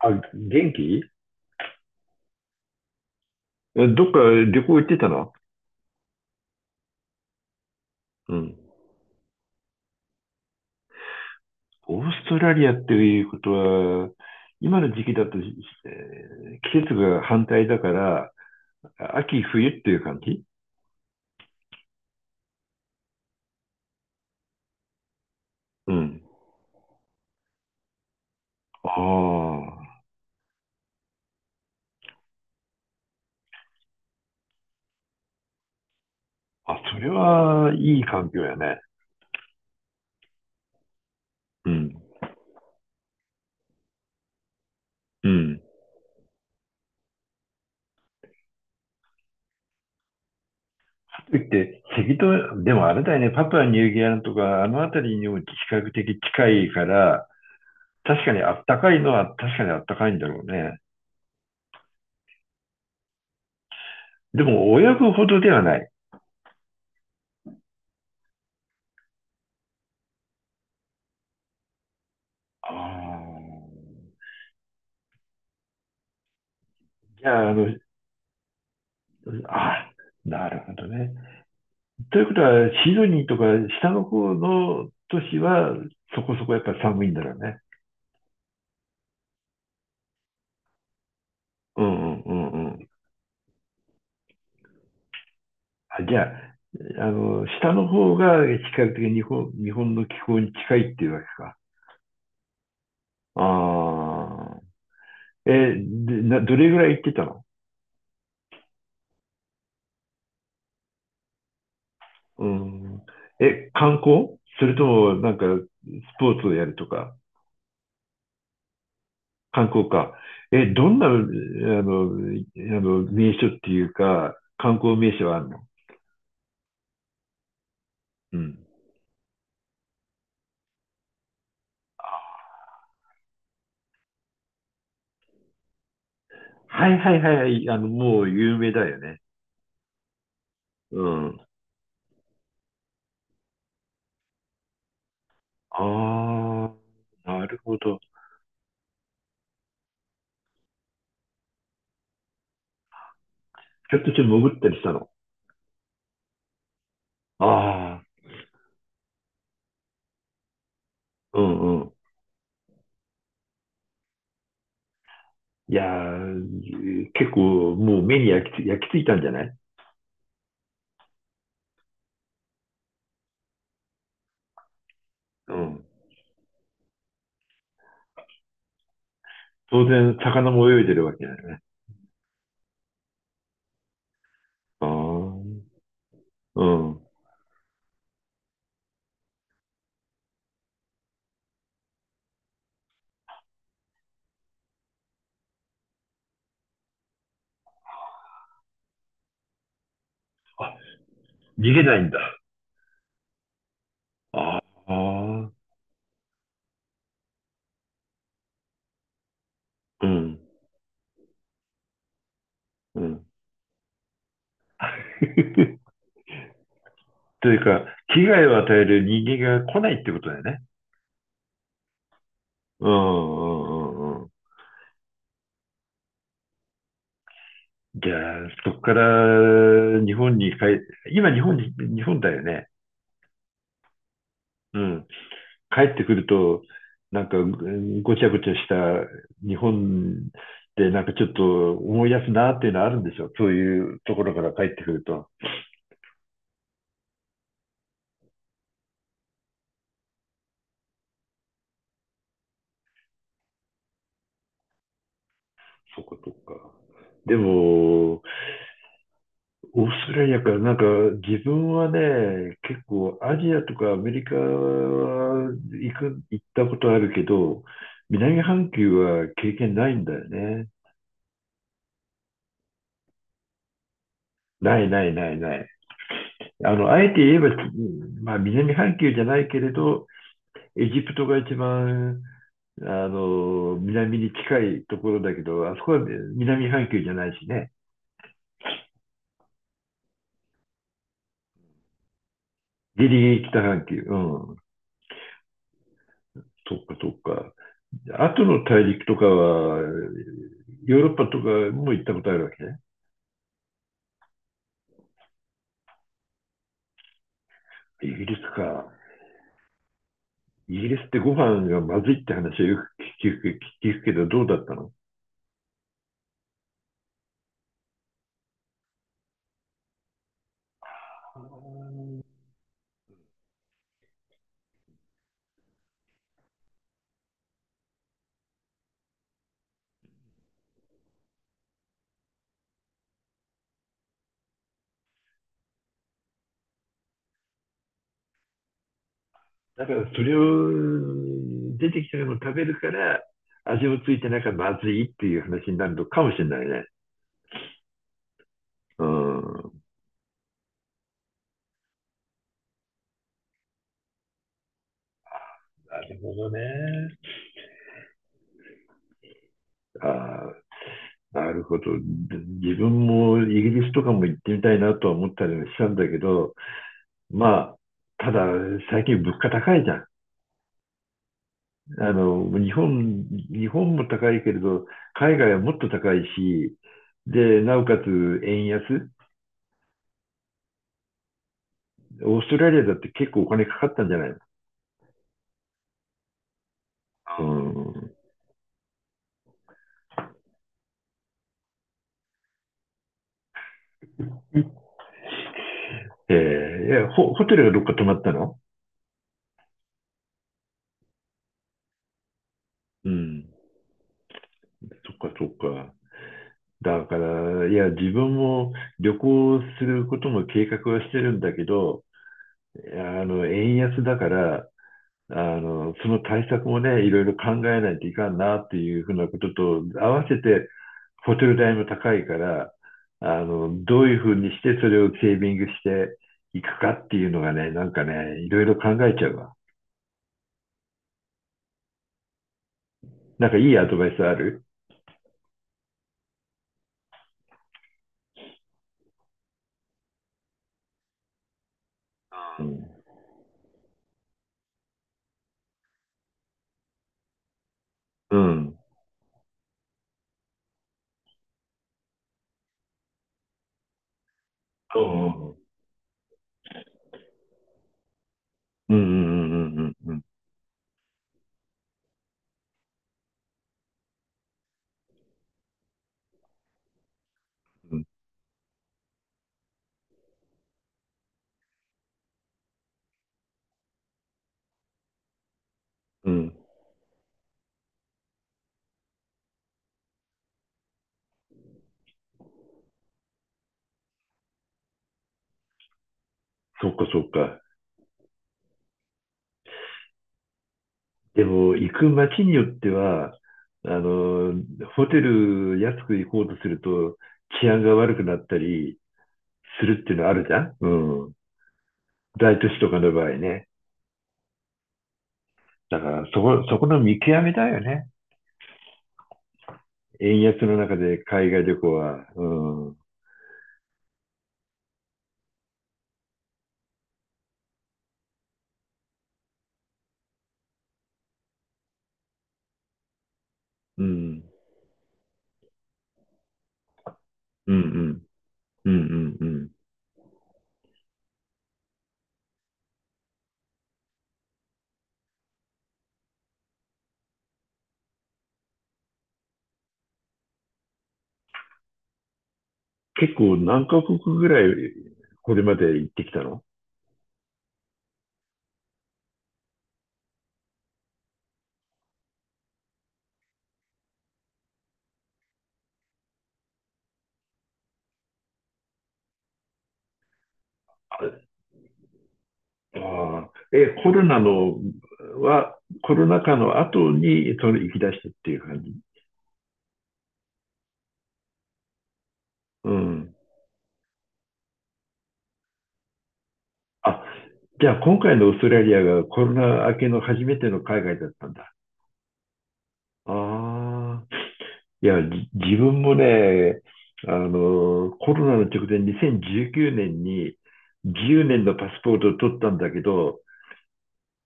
あ、元気？どっか旅行行ってたの？うん。オーストラリアっていうことは、今の時期だと、季節が反対だから、秋冬っていう感じ？うん。ああ。あ、それはいい環境やね。うん。うん。かといって、赤道、でもあれだよね、パプアニューギニアとか、あの辺りにも比較的近いから、確かにあったかいのは確かにあったかいんだろうね。でも、親子ほどではない。ああ、じゃあ、あ、なるほどね。ということは、シドニーとか下の方の都市はそこそこやっぱ寒いんだろうね。うんうんうんうん。あ、じゃあ、下の方が比較的日本の気候に近いっていうわけか。ああ、でな、どれぐらい行ってたの？うん。観光それともなんかスポーツをやるとか？観光か。どんな、名所っていうか、観光名所はあるの？うん。はいはいはいはい。もう有名だよね。うん。ああ、なるほど。ちょっと潜ったりしたの？ああ、うんうん。いやー、結構もう目に焼き付いたんじゃない？うん。当然、魚も泳いでるわけだよね。ああ、うん。あ、逃げないんだ。ああ、うん、うん。というか、危害を与える人間が来ないってことだよね。うんうんうんうん。じゃあ、そこから日本に帰、今日本に、日本だよね。うん。帰ってくると、なんかごちゃごちゃした日本でなんかちょっと思い出すなっていうのはあるんでしょ。そういうところから帰ってくると。そっかそっか。でも、オーストラリアか、なんか自分はね、結構アジアとかアメリカは行ったことあるけど、南半球は経験ないんだよね。ないないないない。あえて言えば、まあ南半球じゃないけれど、エジプトが一番、南に近いところだけど、あそこは南半球じゃないしね。ギリギリ北半球。うん。そっかそっか。後の大陸とかは、ヨーロッパとかも行ったことあるわけね。イギリスか。イギリスってご飯がまずいって話はよく聞くけど、どうだったの？だからそれを出てきたのを食べるから、味もついてなきゃまずいっていう話になるのかもしれないね。うん。なるほどね。ああ、なるほど。自分もイギリスとかも行ってみたいなとは思ったりもしたんだけど、まあ、ただ最近物価高いじゃん。日本も高いけれど、海外はもっと高いし、で、なおかつ円安。オーストラリアだって結構お金かかったんじゃないの？うん。いやホテルがどっか泊まったの？うん。そっかそっか。だから、いや、自分も旅行することも計画はしてるんだけど、円安だから、その対策もね、いろいろ考えないといかんなっていうふうなことと、合わせてホテル代も高いから、どういうふうにしてそれをセービングしていくかっていうのがね、なんかね、いろいろ考えちゃうわ。なんかいいアドバイスある？うん。うん。そう。うんうんうんうんうんうんうん。そっかそっか。でも、行く街によっては、あの、ホテル安く行こうとすると治安が悪くなったり、するっていうのはあるじゃん。うん。大都市とかの場合ね。だから、そこの見極めだよね。円安の中で海外旅行は。うん。うん。うんうん。うんうんうん。結構何カ国ぐらいこれまで行ってきたの？ああ。え、コロナのは、コロナ禍の後にそれ行き出したっていう感じ？うん。あ、じゃあ今回のオーストラリアがコロナ明けの初めての海外だったんだ。ああ。いや、自分もね、コロナの直前、2019年に10年のパスポートを取ったんだけど、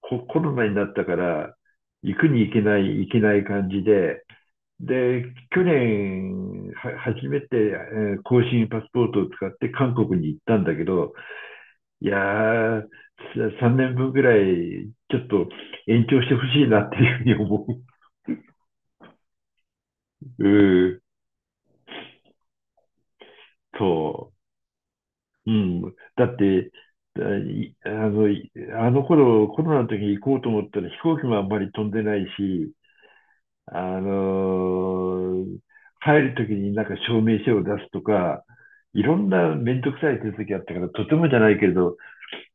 コロナになったから、行くに行けない、行けない感じで、で、去年、は、初めて、更新パスポートを使って韓国に行ったんだけど、いやー、3年分ぐらい、ちょっと延長してほしいなっていうふうに思う。うん、そう。うん。だって、だいあの、いあの頃、コロナの時に行こうと思ったら飛行機もあんまり飛んでないし、あのー帰る時になんか証明書を出すとか、いろんなめんどくさい手続きあったから、とてもじゃないけれど、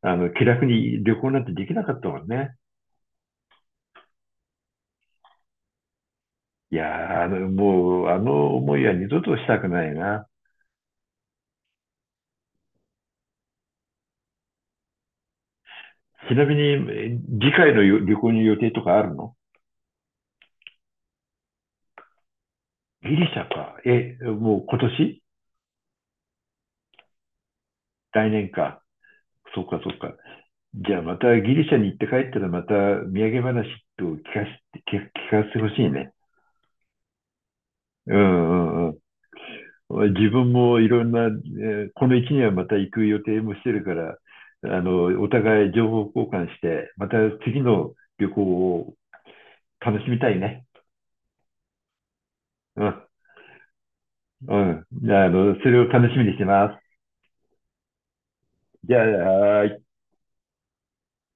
気楽に旅行なんてできなかったもんね。いやー、もう、あの思いは二度としたくないな。ちなみに、次回の旅行に予定とかあるの？ギリシャか。もう今年？来年か。そうか、そうか。じゃあまたギリシャに行って帰ったらまた土産話と聞かせて、聞かせてほしいね。うんうんうん。自分もいろんな、この1年はまた行く予定もしてるから、お互い情報交換して、また次の旅行を楽しみたいね。うん、うん。じゃあ、それを楽しみにしてます。じゃあ、はーい。